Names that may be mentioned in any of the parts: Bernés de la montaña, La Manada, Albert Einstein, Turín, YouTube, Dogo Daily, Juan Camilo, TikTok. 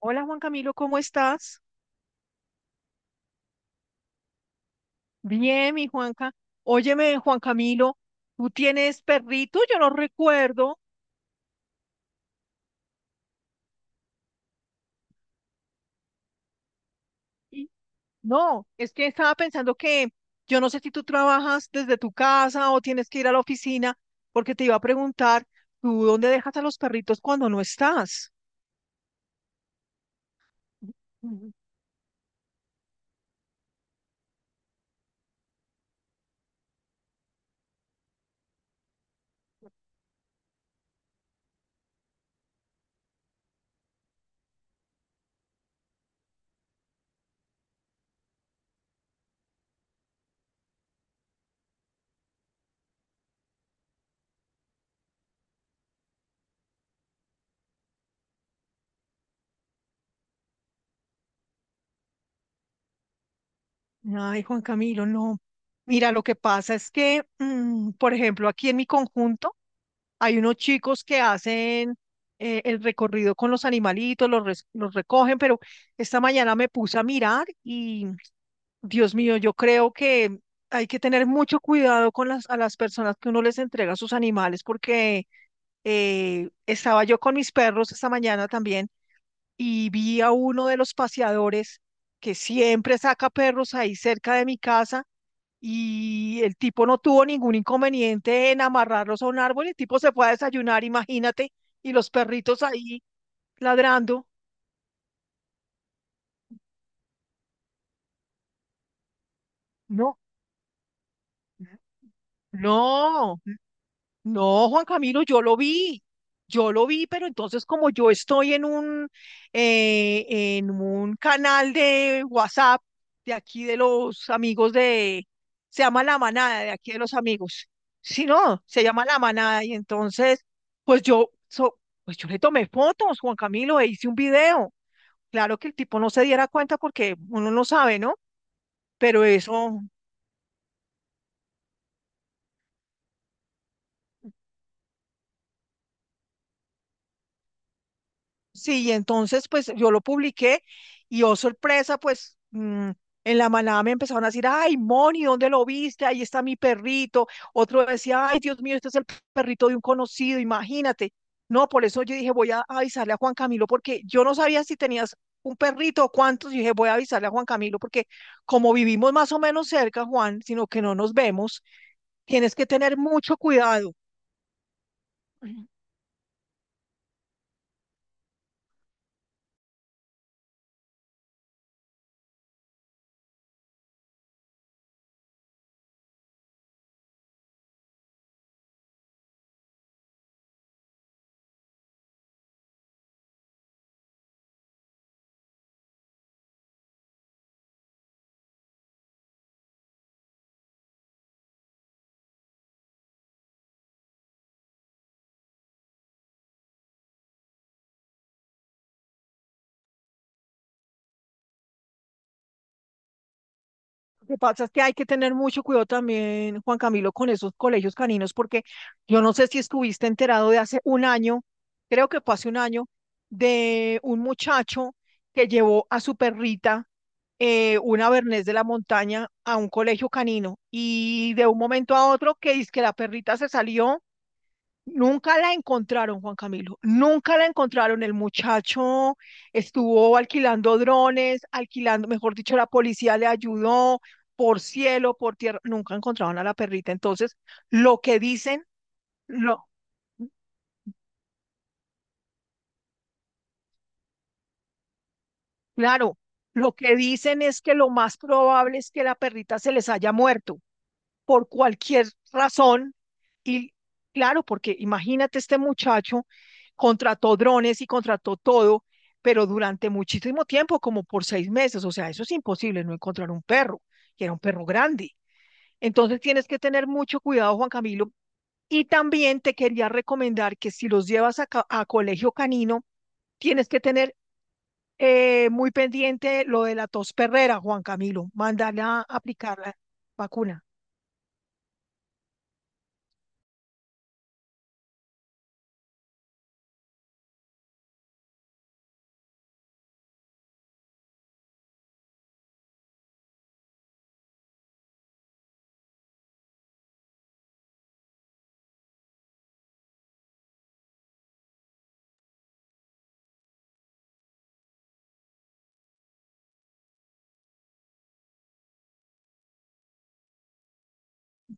Hola, Juan Camilo, ¿cómo estás? Bien, mi Juanca. Óyeme, Juan Camilo, ¿tú tienes perrito? Yo no recuerdo. Y- No, es que estaba pensando que yo no sé si tú trabajas desde tu casa o tienes que ir a la oficina, porque te iba a preguntar, ¿tú dónde dejas a los perritos cuando no estás? Ujú. Ay, Juan Camilo, no. Mira, lo que pasa es que, por ejemplo, aquí en mi conjunto, hay unos chicos que hacen el recorrido con los animalitos, los recogen, pero esta mañana me puse a mirar y, Dios mío, yo creo que hay que tener mucho cuidado con a las personas que uno les entrega sus animales, porque estaba yo con mis perros esta mañana también y vi a uno de los paseadores que siempre saca perros ahí cerca de mi casa, y el tipo no tuvo ningún inconveniente en amarrarlos a un árbol. El tipo se fue a desayunar, imagínate, y los perritos ahí ladrando. No, no. No, Juan Camilo, yo lo vi, pero entonces como yo estoy eh, en un canal de WhatsApp de aquí de los amigos se llama La Manada, de aquí de los amigos. Si no, se llama La Manada y entonces, pues yo, so- pues yo le tomé fotos, Juan Camilo, e hice un video. Claro, que el tipo no se diera cuenta porque uno no sabe, ¿no? Pero eso, sí, y entonces pues yo lo publiqué y oh, sorpresa, en la manada me empezaron a decir, ay, Moni, ¿dónde lo viste? Ahí está mi perrito. Otro decía, ay, Dios mío, este es el perrito de un conocido, imagínate. No, por eso yo dije, voy a avisarle a Juan Camilo porque yo no sabía si tenías un perrito o cuántos. Y dije, voy a avisarle a Juan Camilo porque como vivimos más o menos cerca, Juan, sino que no nos vemos, tienes que tener mucho cuidado. Lo que pasa es que hay que tener mucho cuidado también, Juan Camilo, con esos colegios caninos, porque yo no sé si estuviste enterado de hace un año, creo que fue hace un año, de un muchacho que llevó a su perrita, una Bernés de la montaña, a un colegio canino. Y de un momento a otro, que dice que la perrita se salió. Nunca la encontraron, Juan Camilo, nunca la encontraron. El muchacho estuvo alquilando drones, alquilando, mejor dicho, la policía le ayudó por cielo, por tierra, nunca encontraron a la perrita. Entonces, lo que dicen, lo Claro, lo que dicen es que lo más probable es que la perrita se les haya muerto por cualquier razón. Y claro, porque imagínate, este muchacho contrató drones y contrató todo, pero durante muchísimo tiempo, como por seis meses. O sea, eso es imposible, no encontrar un perro que era un perro grande. Entonces tienes que tener mucho cuidado, Juan Camilo. Y también te quería recomendar que si los llevas a colegio canino, tienes que tener muy pendiente lo de la tos perrera, Juan Camilo. Mandarla a aplicar la vacuna.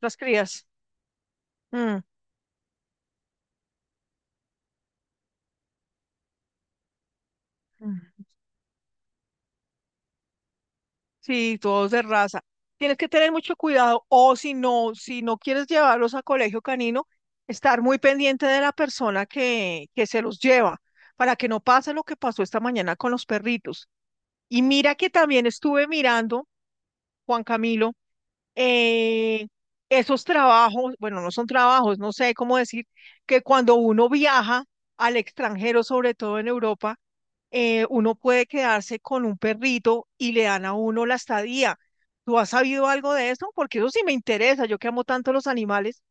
Las crías. Mm, mm. Sí, todos de raza. Tienes que tener mucho cuidado o si no, si no quieres llevarlos a colegio canino, estar muy pendiente de la persona que se los lleva para que no pase lo que pasó esta mañana con los perritos. Y mira que también estuve mirando, Juan Camilo, eh, esos trabajos, bueno, no son trabajos, no sé cómo decir, que cuando uno viaja al extranjero, sobre todo en Europa, uno puede quedarse con un perrito y le dan a uno la estadía. ¿Tú has sabido algo de eso? Porque eso sí me interesa, yo que amo tanto los animales.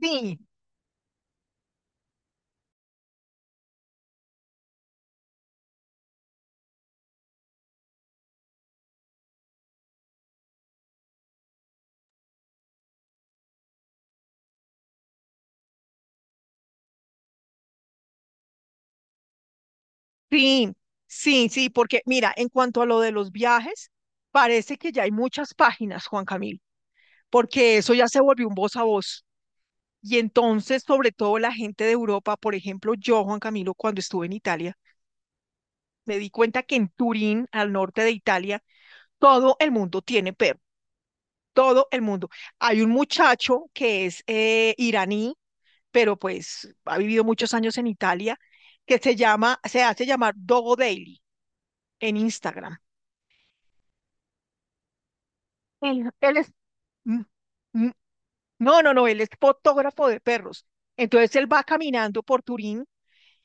Sí, sí, sí, sí, porque mira, en cuanto a lo de los viajes, parece que ya hay muchas páginas, Juan Camil, porque eso ya se volvió un voz a voz. Y entonces, sobre todo la gente de Europa, por ejemplo, yo, Juan Camilo, cuando estuve en Italia, me di cuenta que en Turín, al norte de Italia, todo el mundo tiene perros. Todo el mundo. Hay un muchacho que es iraní, pero pues ha vivido muchos años en Italia, se hace llamar Dogo Daily en Instagram. Él es, Mm, mm, No, no, no, él es fotógrafo de perros. Entonces él va caminando por Turín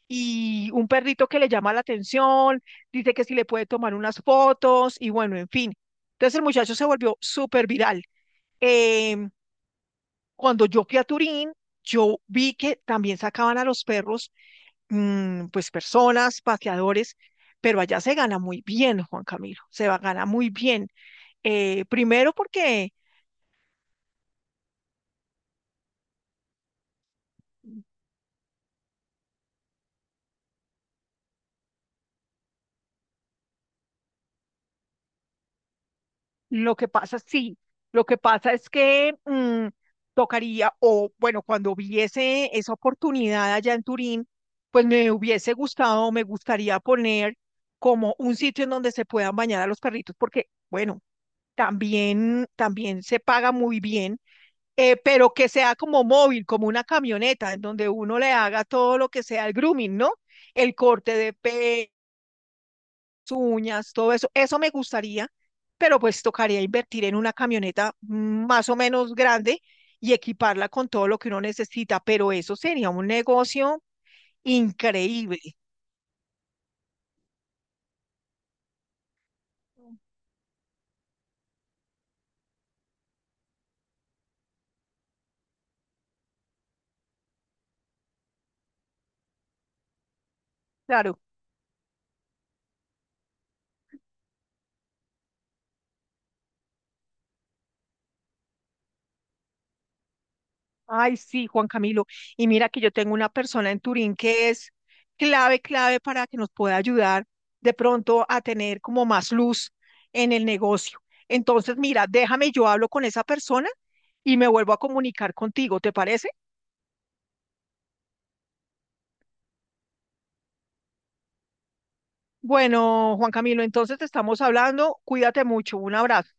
y un perrito que le llama la atención, dice que si le puede tomar unas fotos y bueno, en fin. Entonces el muchacho se volvió súper viral. Cuando yo fui a Turín, yo vi que también sacaban a los perros, pues personas, paseadores, pero allá se gana muy bien, Juan Camilo, se va, gana muy bien. Primero porque lo que pasa, sí, lo que pasa es que, mm, tocaría, o bueno, cuando hubiese esa oportunidad allá en Turín, pues me hubiese gustado, me gustaría poner como un sitio en donde se puedan bañar a los perritos, porque, bueno, también, también se paga muy bien, pero que sea como móvil, como una camioneta, en donde uno le haga todo lo que sea el grooming, ¿no? El corte de uñas, todo eso. Eso me gustaría, pero pues tocaría invertir en una camioneta más o menos grande y equiparla con todo lo que uno necesita, pero eso sería un negocio increíble. Claro. Ay, sí, Juan Camilo. Y mira que yo tengo una persona en Turín que es clave, clave para que nos pueda ayudar de pronto a tener como más luz en el negocio. Entonces, mira, déjame, yo hablo con esa persona y me vuelvo a comunicar contigo, ¿te parece? Bueno, Juan Camilo, entonces te estamos hablando. Cuídate mucho. Un abrazo.